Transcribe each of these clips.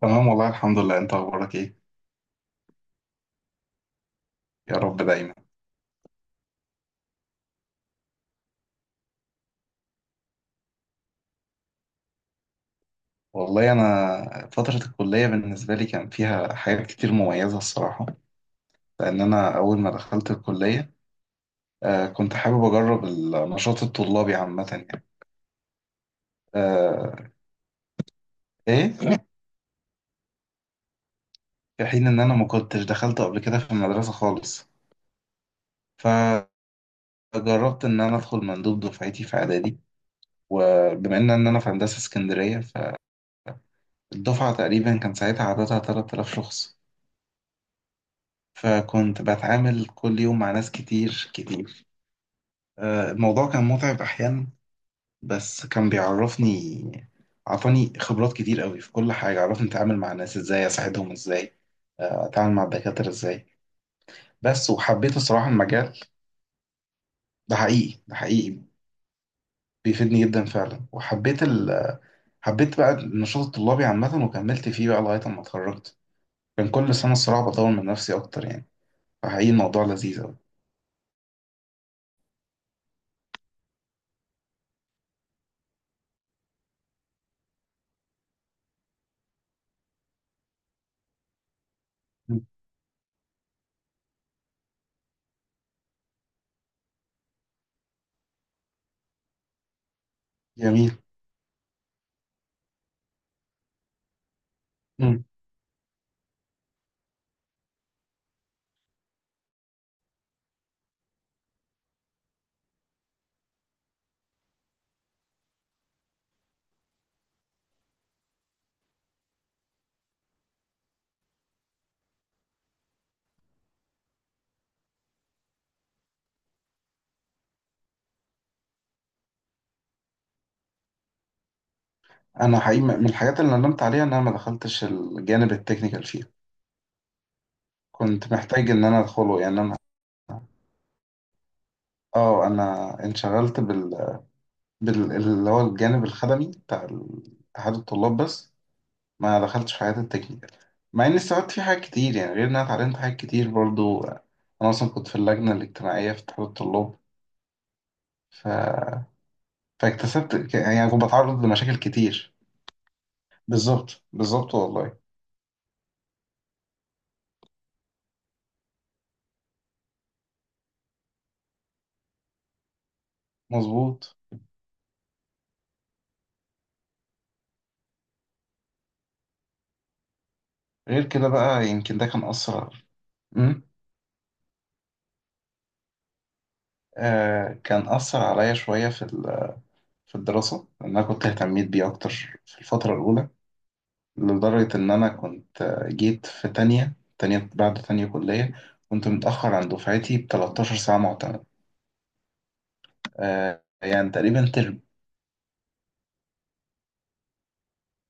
تمام والله الحمد لله. انت اخبارك ايه؟ يا رب دايما. والله انا فترة الكلية بالنسبة لي كان فيها حاجات كتير مميزة الصراحة، لان انا اول ما دخلت الكلية كنت حابب اجرب النشاط الطلابي عامة يعني. آه. ايه. في حين ان انا ما كنتش دخلت قبل كده في المدرسة خالص، فجربت ان انا ادخل مندوب دفعتي في اعدادي. وبما ان انا في هندسة اسكندرية، فالدفعة تقريبا كان ساعتها عددها 3,000 شخص، فكنت بتعامل كل يوم مع ناس كتير كتير. الموضوع كان متعب أحيانا، بس كان بيعرفني، عطاني خبرات كتير قوي في كل حاجة، عرفني أتعامل مع الناس إزاي، أساعدهم إزاي، أتعامل مع الدكاترة إزاي. بس وحبيت الصراحة المجال. ده حقيقي ده حقيقي، بيفيدني جدا فعلا. وحبيت حبيت بقى النشاط الطلابي عامة وكملت فيه بقى لغاية ما اتخرجت. كان كل سنة الصراحة بطور من نفسي أكتر يعني، فحقيقي الموضوع لذيذ أوي. جميل. انا حقيقي من الحاجات اللي ندمت عليها ان انا ما دخلتش الجانب التكنيكال فيها. كنت محتاج ان انا ادخله يعني. انا اه انا انشغلت بال اللي هو الجانب الخدمي بتاع اتحاد الطلاب بس. ما دخلتش في حاجات التكنيكال، مع اني استفدت فيه حاجات كتير يعني، غير ان انا اتعلمت حاجات كتير برضو. انا اصلا كنت في اللجنة الاجتماعية في اتحاد الطلاب، ف... فاكتسبت يعني كنت بتعرض لمشاكل كتير. بالظبط بالظبط والله. مظبوط. غير كده بقى يمكن ده كان أثر. أمم. كان أثر عليا شوية في في الدراسة، لأن أنا كنت اهتميت بيه أكتر في الفترة الأولى، لدرجة إن أنا كنت جيت في تانية بعد تانية كلية. كنت متأخر عن دفعتي ب 13 ساعة معتمد. يعني تقريبا ترم.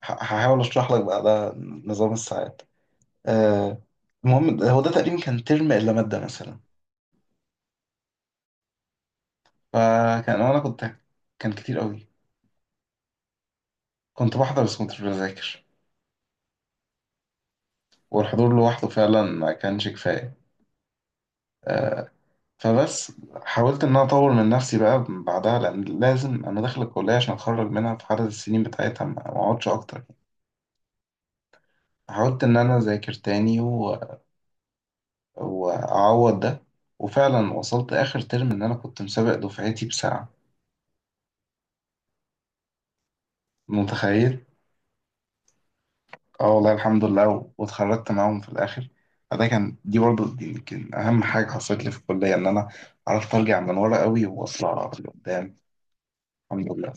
هحاول أشرح لك بقى ده، نظام الساعات. آه، المهم هو ده تقريبا كان ترم إلا مادة مثلا. فكان أنا كنت، كان كتير قوي. كنت بحضر بس كنتش بذاكر، والحضور لوحده فعلا ما كانش كفاية. آه، فبس حاولت ان انا اطور من نفسي بقى بعدها، لان لازم انا داخل الكليه عشان اتخرج منها في عدد السنين بتاعتها، ما اقعدش اكتر يعني. حاولت ان انا اذاكر تاني واعوض ده. وفعلا وصلت اخر ترم ان انا كنت مسابق دفعتي بساعه. متخيل. اه والله الحمد لله واتخرجت معاهم في الاخر. فده كان دي برضو دي يمكن اهم حاجه حصلت لي في الكليه، ان انا عرفت ارجع من ورا قوي واطلع لقدام. الحمد لله.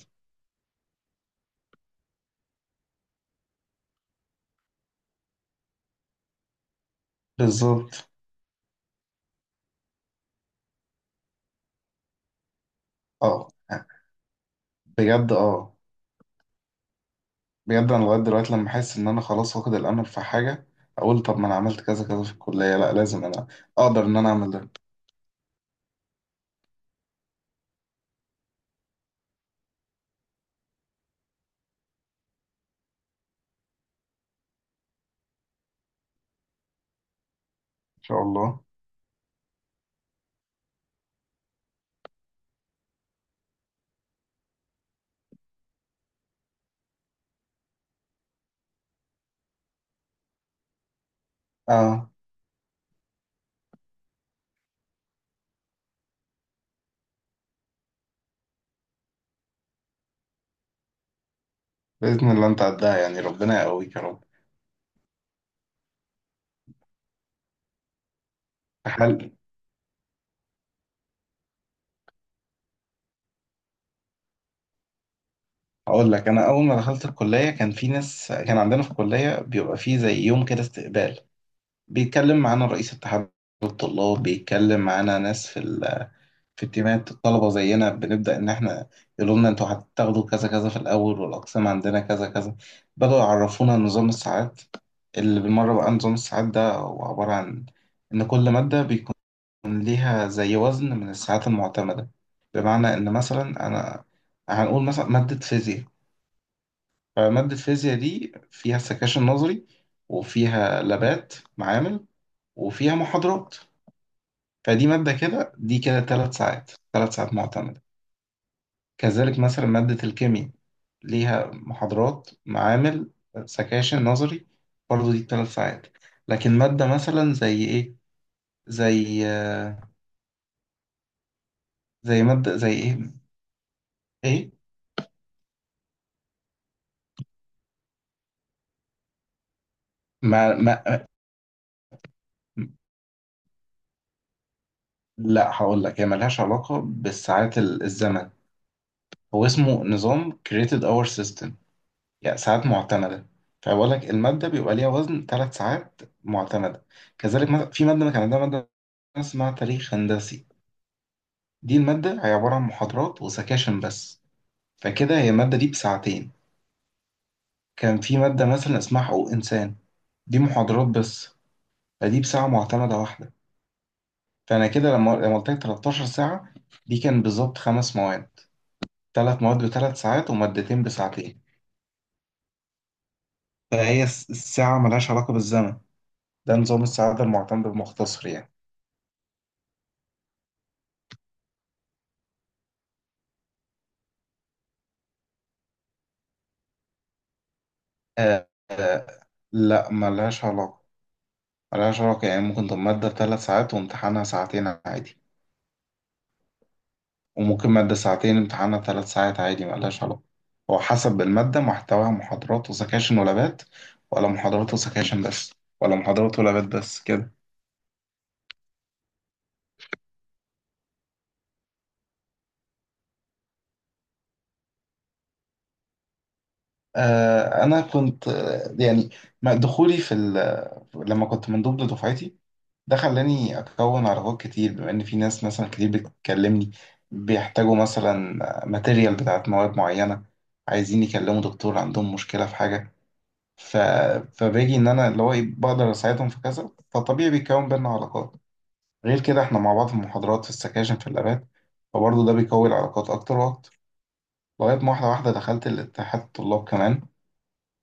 بالظبط. اه بجد اه. بجد انا لغايه دلوقتي لما احس ان انا خلاص واخد الامل في حاجه اقول، طب ما انا عملت كذا كذا في الكليه، لا لازم انا اقدر ان انا اعمل ده ان شاء الله. اه. باذن الله انت عدها يعني، ربنا يقويك يا رب. حل. اقول لك، انا اول ما دخلت الكليه كان في ناس، كان عندنا في الكليه بيبقى في زي يوم كده استقبال، بيتكلم معانا رئيس اتحاد الطلاب، بيتكلم معانا ناس في التيمات الطلبة زينا، بنبدأ إن إحنا يقولوا لنا أنتوا هتاخدوا كذا كذا في الأول، والأقسام عندنا كذا كذا. بدأوا يعرفونا نظام الساعات، اللي بالمرة بقى نظام الساعات ده هو عبارة عن إن كل مادة بيكون ليها زي وزن من الساعات المعتمدة. بمعنى إن مثلا أنا هنقول مثلا مادة فيزياء، فمادة فيزياء دي فيها سكاشن نظري وفيها لابات معامل وفيها محاضرات، فدي مادة كده، دي كده تلات ساعات، تلات ساعات معتمدة. كذلك مثلا مادة الكيمياء ليها محاضرات معامل سكاشن نظري، برضه دي ثلاث ساعات. لكن مادة مثلا زي ايه، زي زي مادة زي ايه. ايه. ما ما لا هقول لك، هي ملهاش علاقة بالساعات الزمن. هو اسمه نظام created hour system، يعني ساعات معتمدة. فبقول لك المادة بيبقى ليها وزن ثلاث ساعات معتمدة. كذلك مثلا في مادة كان عندها مادة اسمها تاريخ هندسي، دي المادة هي عبارة عن محاضرات وسكاشن بس، فكده هي المادة دي بساعتين. كان في مادة مثلا اسمها حقوق إنسان، دي محاضرات بس، فدي بساعة معتمدة واحدة. فأنا كده لما قلت لك 13 ساعة، دي كان بالظبط خمس مواد، ثلاث مواد بثلاث ساعات ومادتين بساعتين. فهي الساعة ملهاش علاقة بالزمن، ده نظام السعادة المعتمد المختصر يعني. آه. لا ملهاش علاقة. ملهاش علاقة، يعني ممكن تبقى مادة بثلاث ساعات وامتحانها ساعتين عادي، وممكن مادة ساعتين امتحانها ثلاث ساعات عادي. ملهاش علاقة، هو حسب المادة محتواها محاضرات وسكاشن ولابات، ولا محاضرات وسكاشن بس، ولا محاضرات ولابات بس كده. أنا كنت يعني دخولي في لما كنت من ضمن دفعتي ده خلاني أكون علاقات كتير، بما إن في ناس مثلا كتير بتكلمني، بيحتاجوا مثلا ماتيريال بتاعت مواد معينة، عايزين يكلموا دكتور، عندهم مشكلة في حاجة، ف... فباجي ان انا اللي هو إيه، بقدر اساعدهم في كذا، فطبيعي بيتكون بينا علاقات. غير كده احنا مع بعض في المحاضرات، في السكاشن، في الابات، فبرضه ده بيقوي العلاقات اكتر واكتر. لغايه ما واحده واحده دخلت الاتحاد الطلاب كمان،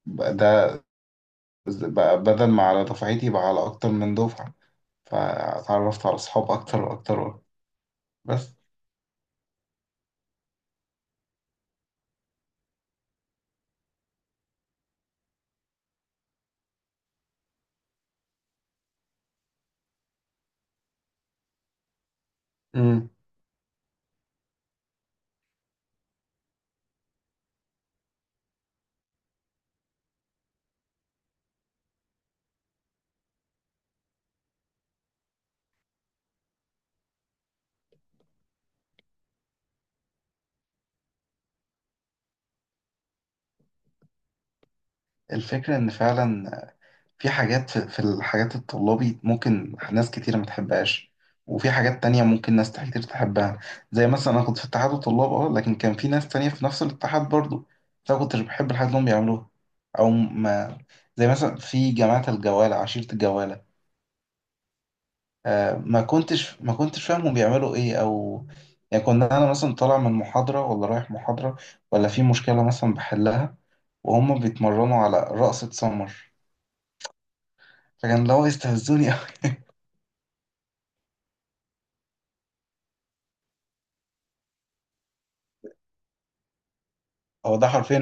بقى ده، بقى بدل ما على دفعتي بقى على اكتر من دفعه، فاتعرفت على اصحاب اكتر واكتر واكتر. بس. امم. الفكره ان فعلا في حاجات في الحاجات الطلابي ممكن ناس كتير ما تحبهاش، وفي حاجات تانية ممكن ناس كتير تحبها. زي مثلا أنا كنت في اتحاد الطلاب اه، لكن كان في ناس تانية في نفس الاتحاد برضو، بس أنا كنتش بحب الحاجات اللي هم بيعملوها. أو ما زي مثلا في جماعة الجوالة عشيرة الجوالة. ما كنتش فاهم هم بيعملوا إيه. أو يعني كنا، أنا مثلا طالع من محاضرة ولا رايح محاضرة، ولا في مشكلة مثلا بحلها، وهم بيتمرنوا على رقصة سمر، فكان اللي هو يستهزوني أوي. هو ده حرفيا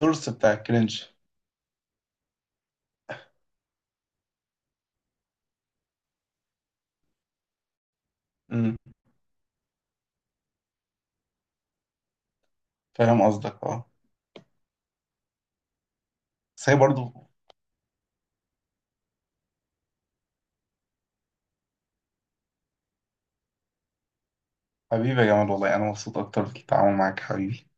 السورس بتاع الكرنج. امم. فاهم قصدك اه. بس هي برضه. حبيبي يا جمال، والله انا مبسوط اكتر بالتعامل معاك حبيبي.